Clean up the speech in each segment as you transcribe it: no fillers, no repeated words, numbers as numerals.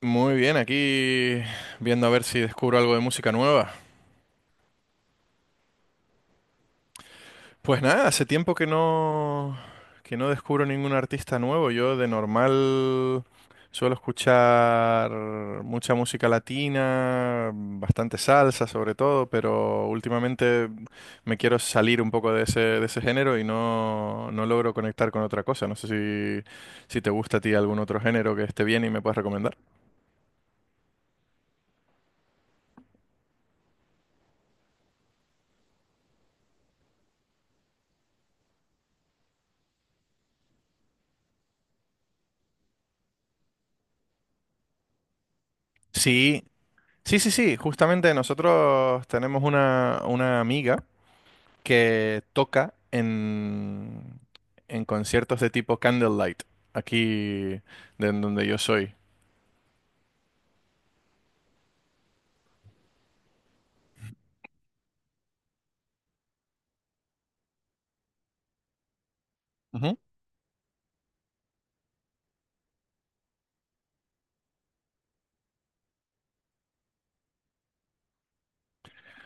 Muy bien, aquí viendo a ver si descubro algo de música nueva. Pues nada, hace tiempo que no descubro ningún artista nuevo. Yo de normal suelo escuchar mucha música latina, bastante salsa sobre todo, pero últimamente me quiero salir un poco de ese género y no logro conectar con otra cosa. No sé si te gusta a ti algún otro género que esté bien y me puedas recomendar. Sí, sí, sí, sí, justamente nosotros tenemos una amiga que toca en conciertos de tipo Candlelight, aquí de en donde yo soy.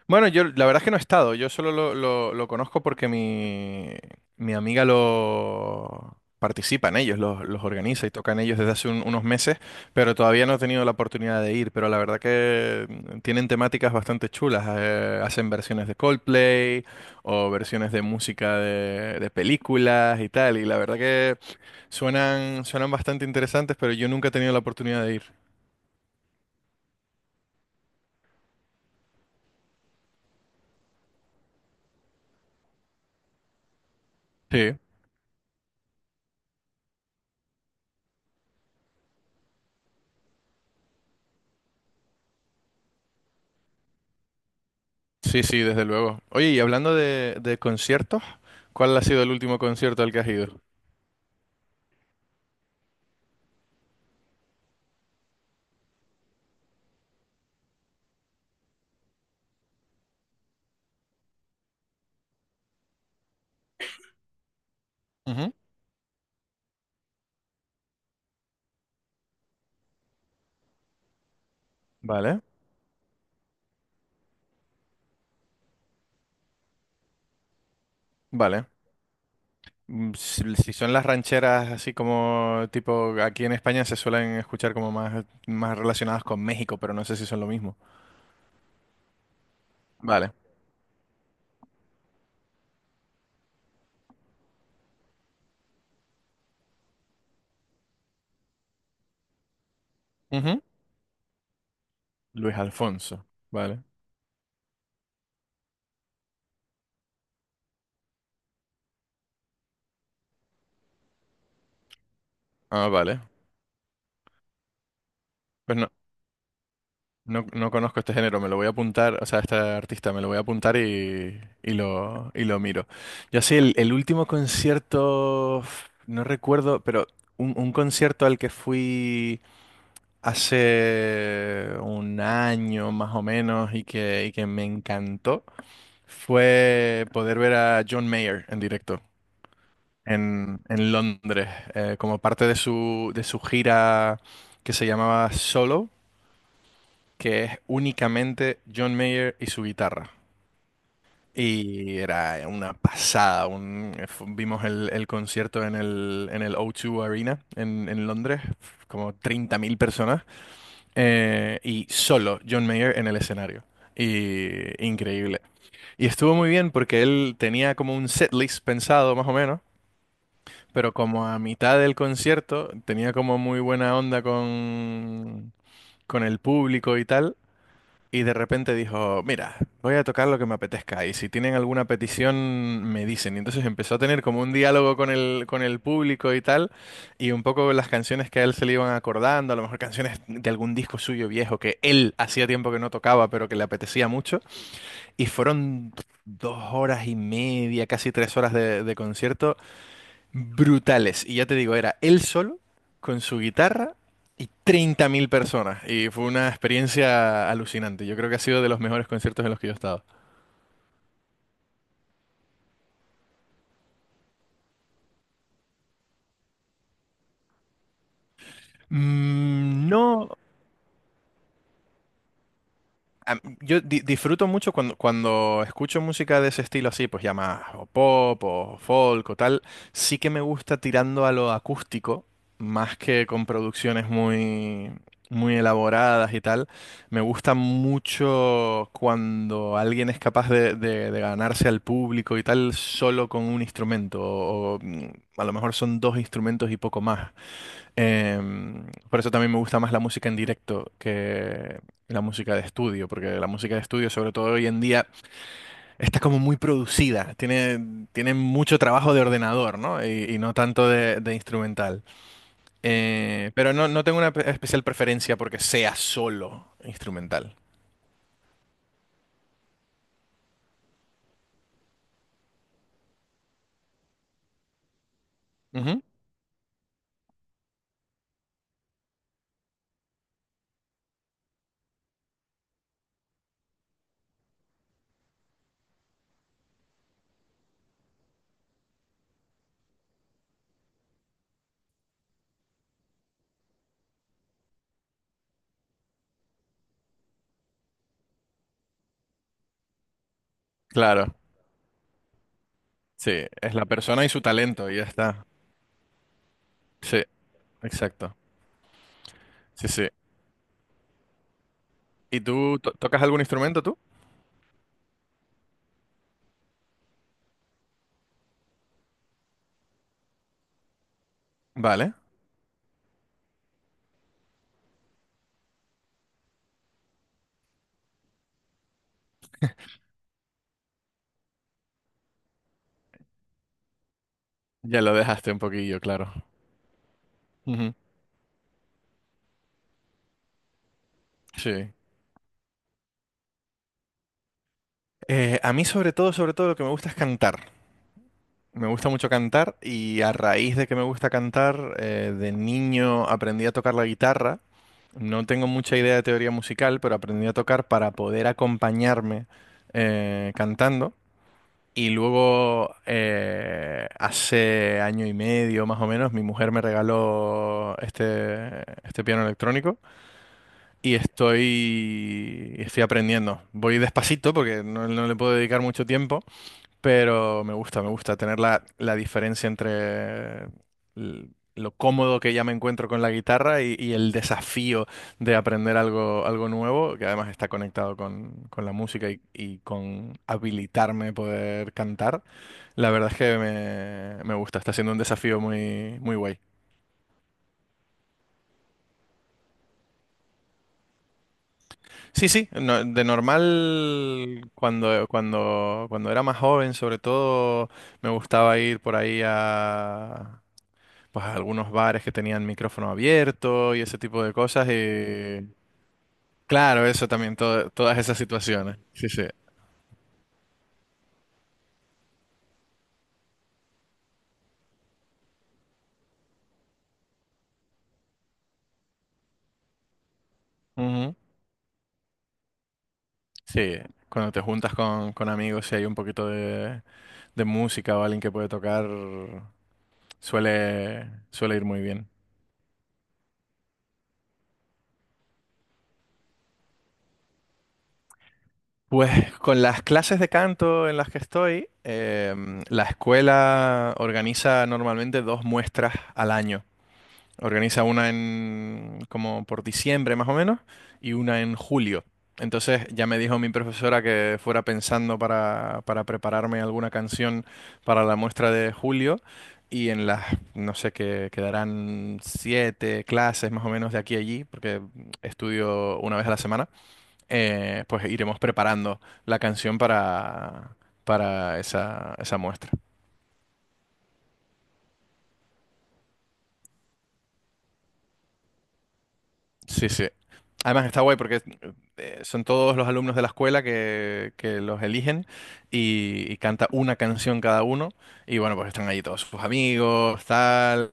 Bueno, yo la verdad es que no he estado, yo solo lo conozco porque mi amiga lo participa en ellos, los organiza y toca en ellos desde hace unos meses, pero todavía no he tenido la oportunidad de ir, pero la verdad que tienen temáticas bastante chulas, hacen versiones de Coldplay o versiones de música de películas y tal, y la verdad que suenan bastante interesantes, pero yo nunca he tenido la oportunidad de ir. Sí, sí, desde luego. Oye, y hablando de conciertos, ¿cuál ha sido el último concierto al que has ido? Ujú. Vale, vale. Si son las rancheras así como tipo aquí en España se suelen escuchar como más relacionadas con México, pero no sé si son lo mismo. Vale. Ujú. Luis Alfonso. Vale. Ah, vale. Pues no. No, no conozco este género, me lo voy a apuntar, o sea, este artista me lo voy a apuntar y lo miro. Yo sí, el último concierto, no recuerdo, pero un concierto al que fui hace un año más o menos y que me encantó fue poder ver a John Mayer en directo en Londres, como parte de de su gira que se llamaba Solo, que es únicamente John Mayer y su guitarra. Y era una pasada. Vimos el concierto en el O2 Arena en Londres, como 30.000 personas, y solo John Mayer en el escenario. Y increíble. Y estuvo muy bien porque él tenía como un setlist pensado, más o menos, pero como a mitad del concierto tenía como muy buena onda con el público y tal. Y de repente dijo: mira, voy a tocar lo que me apetezca y si tienen alguna petición me dicen. Y entonces empezó a tener como un diálogo con el público y tal, y un poco las canciones que a él se le iban acordando, a lo mejor canciones de algún disco suyo viejo que él hacía tiempo que no tocaba, pero que le apetecía mucho. Y fueron 2 horas y media, casi 3 horas de concierto brutales. Y ya te digo, era él solo, con su guitarra y 30.000 personas. Y fue una experiencia alucinante. Yo creo que ha sido de los mejores conciertos en los que yo he estado. No, yo disfruto mucho cuando, escucho música de ese estilo así, pues ya más o pop o folk o tal, sí que me gusta tirando a lo acústico, más que con producciones muy, muy elaboradas y tal. Me gusta mucho cuando alguien es capaz de ganarse al público y tal solo con un instrumento, a lo mejor son dos instrumentos y poco más. Por eso también me gusta más la música en directo que la música de estudio, porque la música de estudio, sobre todo hoy en día, está como muy producida, tiene mucho trabajo de ordenador, ¿no? Y no tanto de instrumental. Pero no, no tengo una especial preferencia porque sea solo instrumental. Ujú. Claro, sí, es la persona y su talento, y ya está. Sí, exacto. Sí, sí. ¿Y tú tocas algún instrumento tú? Vale, ya lo dejaste un poquillo, claro. Sí. A mí sobre todo lo que me gusta es cantar. Me gusta mucho cantar y a raíz de que me gusta cantar, de niño aprendí a tocar la guitarra. No tengo mucha idea de teoría musical, pero aprendí a tocar para poder acompañarme cantando. Y luego, hace año y medio más o menos, mi mujer me regaló este piano electrónico y estoy aprendiendo. Voy despacito porque no le puedo dedicar mucho tiempo. Pero me gusta tener la diferencia entre l- lo cómodo que ya me encuentro con la guitarra y, el desafío de aprender algo nuevo, que además está conectado con la música y con habilitarme a poder cantar. La verdad es que me gusta, está siendo un desafío muy, muy guay. Sí, sí, de normal, cuando, era más joven, sobre todo, me gustaba ir por ahí a pues algunos bares que tenían micrófono abierto y ese tipo de cosas. Y claro, eso también, todas esas situaciones. Sí, sí. Ujú. Sí, cuando te juntas con amigos y hay un poquito de música o alguien que puede tocar, suele ir muy bien. Pues con las clases de canto en las que estoy, la escuela organiza normalmente dos muestras al año. Organiza una en como por diciembre más o menos y una en julio. Entonces ya me dijo mi profesora que fuera pensando para, prepararme alguna canción para la muestra de julio y en las, no sé, que quedarán siete clases más o menos de aquí a allí, porque estudio una vez a la semana, pues iremos preparando la canción para, esa muestra. Sí, sí. Además está guay porque son todos los alumnos de la escuela que los eligen, y canta una canción cada uno y bueno, pues están ahí todos sus amigos, tal.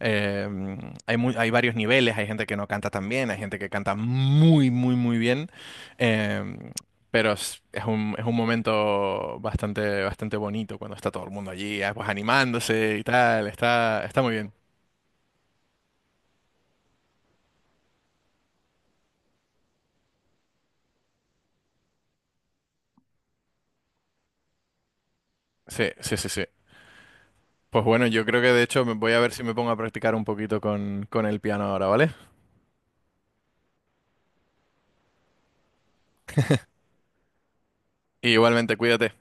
Eh, hay hay varios niveles, hay gente que no canta tan bien, hay gente que canta muy, muy, muy bien, eh, pero es un momento bastante, bastante bonito cuando está todo el mundo allí, ah, pues animándose y tal, está muy bien. Sí, sí, sí, sí. Pues bueno, yo creo que de hecho me voy a ver si me pongo a practicar un poquito con el piano ahora, ¿vale? Y igualmente, cuídate.